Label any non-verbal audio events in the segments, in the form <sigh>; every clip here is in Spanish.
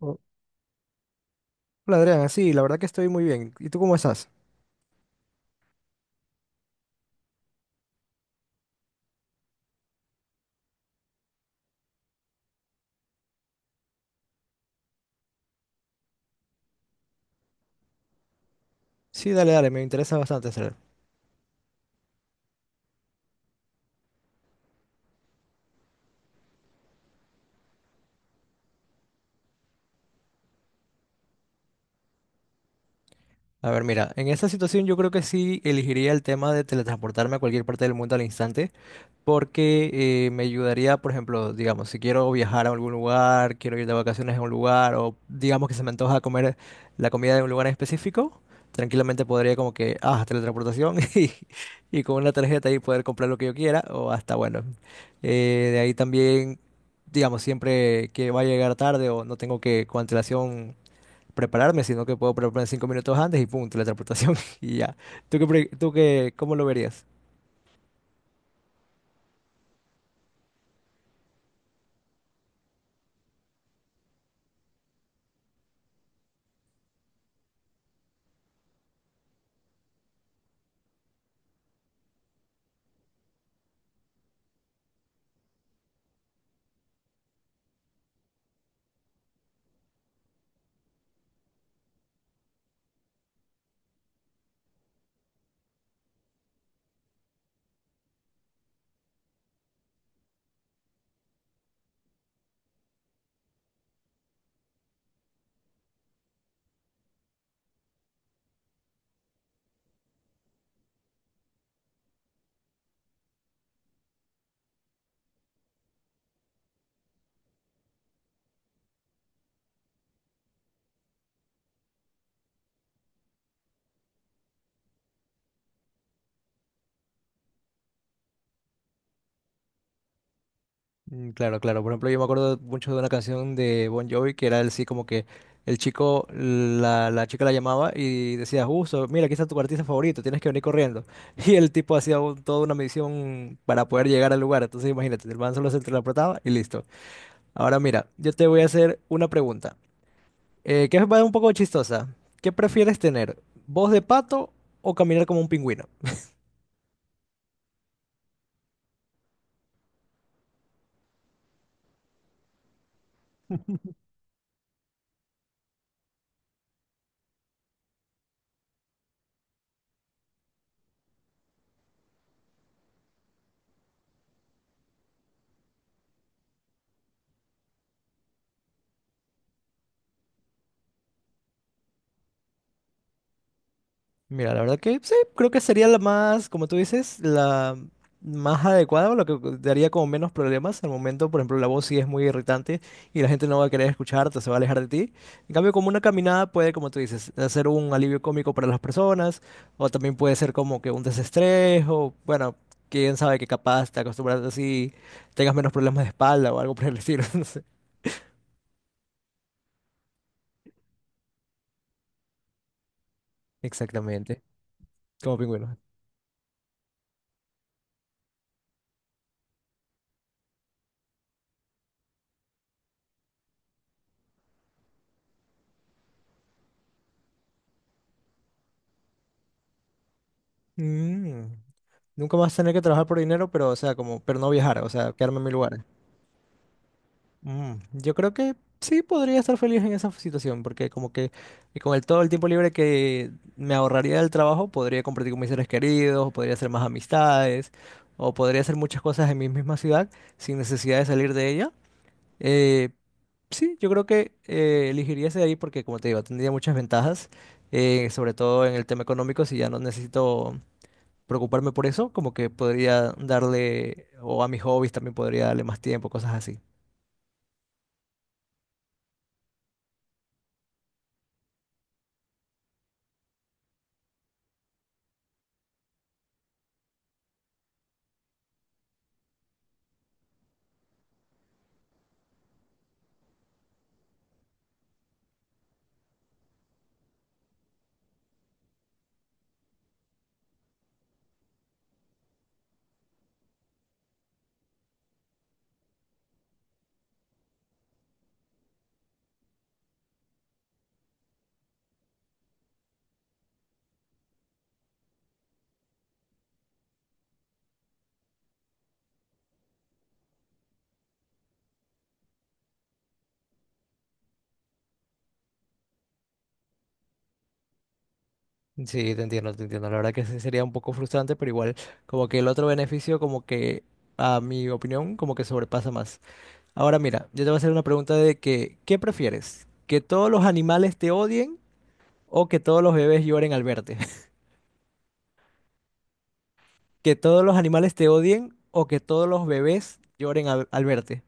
Oh, hola Adrián, sí, la verdad que estoy muy bien. ¿Y tú cómo estás? Sí, dale, dale, me interesa bastante hacer. A ver, mira, en esta situación yo creo que sí elegiría el tema de teletransportarme a cualquier parte del mundo al instante, porque me ayudaría, por ejemplo, digamos, si quiero viajar a algún lugar, quiero ir de vacaciones a un lugar, o digamos que se me antoja comer la comida de un lugar en específico, tranquilamente podría como que, ah, teletransportación <laughs> y con una tarjeta ahí poder comprar lo que yo quiera, o hasta bueno. De ahí también, digamos, siempre que va a llegar tarde o no tengo que con antelación prepararme, sino que puedo prepararme 5 minutos antes y pum, teletransportación <laughs> y ya. ¿Tú qué, tú qué, cómo lo verías? Mm, claro, claro. Por ejemplo, yo me acuerdo mucho de una canción de Bon Jovi que era así como que el chico, la chica la llamaba y decía, justo, mira, aquí está tu artista favorito, tienes que venir corriendo. <laughs> Y el tipo hacía toda una misión para poder llegar al lugar. Entonces, imagínate, el man solo se interpretaba y listo. Ahora mira, yo te voy a hacer una pregunta, que es un poco chistosa. ¿Qué prefieres tener? ¿Voz de pato o caminar como un pingüino? Mira, la verdad que sí, creo que sería la más, como tú dices, la más adecuada, o lo que daría como menos problemas. Al momento, por ejemplo, la voz sí es muy irritante y la gente no va a querer escucharte, se va a alejar de ti. En cambio, como una caminada puede, como tú dices, hacer un alivio cómico para las personas, o también puede ser como que un desestrés, o bueno, quién sabe que capaz te acostumbras así, tengas menos problemas de espalda o algo por el estilo, <laughs> no sé. Exactamente, como pingüino. Mm. Nunca más tener que trabajar por dinero, pero, o sea, como, pero no viajar, o sea, quedarme en mi lugar. Mm, yo creo que sí podría estar feliz en esa situación, porque como que y con el todo el tiempo libre que me ahorraría del trabajo, podría compartir con mis seres queridos, podría hacer más amistades, o podría hacer muchas cosas en mi misma ciudad sin necesidad de salir de ella. Eh, sí, yo creo que elegiría ese de ahí porque, como te digo, tendría muchas ventajas, sobre todo en el tema económico. Si ya no necesito preocuparme por eso, como que podría darle, o a mis hobbies también podría darle más tiempo, cosas así. Sí, te entiendo, te entiendo. La verdad que sí sería un poco frustrante, pero igual, como que el otro beneficio, como que a mi opinión, como que sobrepasa más. Ahora mira, yo te voy a hacer una pregunta de que, ¿qué prefieres? ¿Que todos los animales te odien o que todos los bebés lloren al verte? <laughs> ¿Que todos los animales te odien o que todos los bebés lloren al verte?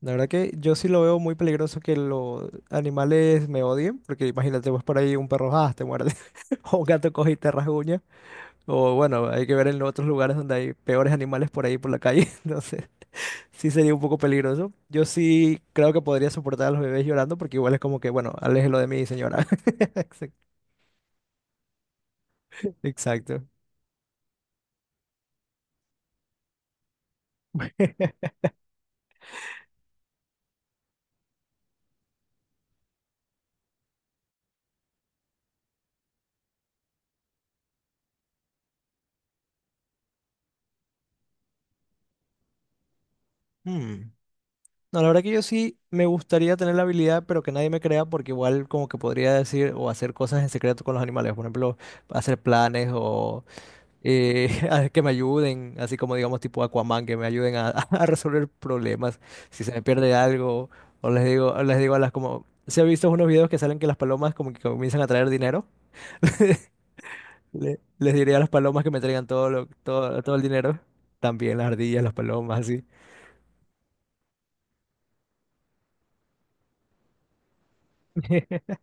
La verdad que yo sí lo veo muy peligroso que los animales me odien, porque imagínate, pues por ahí un perro ah, te muerde, <laughs> o un gato coge y te rasguña, o bueno, hay que ver en otros lugares donde hay peores animales por ahí por la calle, <laughs> entonces sí sería un poco peligroso. Yo sí creo que podría soportar a los bebés llorando, porque igual es como que, bueno, aléjelo de mí, señora. <laughs> Exacto. Exacto. <laughs> Hmm. No, la verdad que yo sí me gustaría tener la habilidad, pero que nadie me crea, porque igual como que podría decir o hacer cosas en secreto con los animales, por ejemplo, hacer planes o <laughs> a que me ayuden, así como digamos tipo Aquaman, que me ayuden a, <laughs> a resolver problemas, si se me pierde algo, o les digo, a las como, se ha visto unos videos que salen que las palomas como que comienzan a traer dinero. <laughs> Les diré a las palomas que me traigan todo lo, todo, todo el dinero, también las ardillas, las palomas, así. <laughs>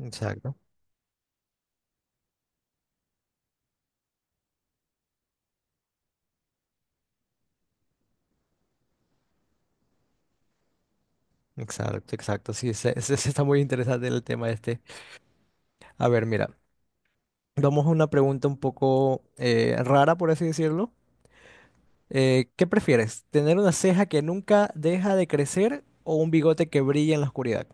Exacto. Exacto, exacto. Sí, se <laughs> está muy interesante el tema este. A ver, mira, vamos a una pregunta un poco rara, por así decirlo. ¿Qué prefieres? ¿Tener una ceja que nunca deja de crecer o un bigote que brilla en la oscuridad?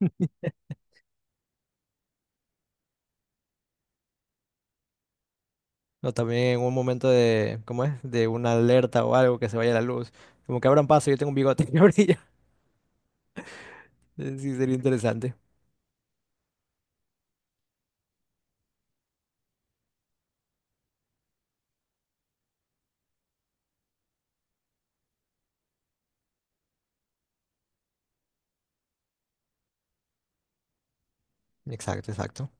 <laughs> O también un momento de, ¿cómo es? De una alerta o algo que se vaya la luz. Como que abran paso, yo tengo un bigote <laughs> que brilla. Sí, sería interesante. Exacto, exacto.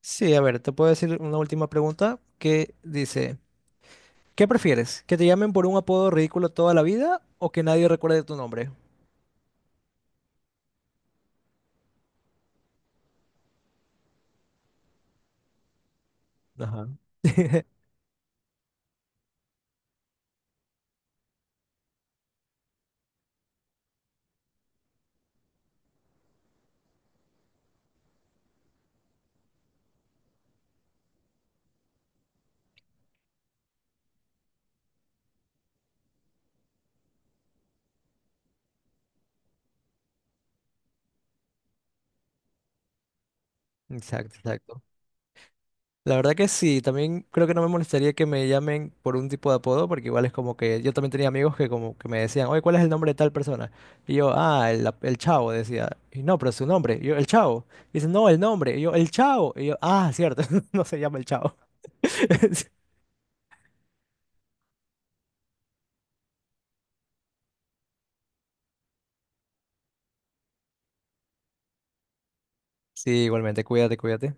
Sí, a ver, te puedo decir una última pregunta que dice... ¿Qué prefieres? ¿Que te llamen por un apodo ridículo toda la vida o que nadie recuerde tu nombre? Ajá. <laughs> Exacto, exacto. La verdad que sí, también creo que no me molestaría que me llamen por un tipo de apodo, porque igual es como que yo también tenía amigos que como que me decían, oye, ¿cuál es el nombre de tal persona? Y yo, ah, el Chavo, decía, y no, pero su nombre, y yo, el Chavo. Y dice, no, el nombre, y yo, el Chavo, y yo, ah, cierto, <laughs> no se llama el Chavo. <laughs> Sí, igualmente, cuídate, cuídate.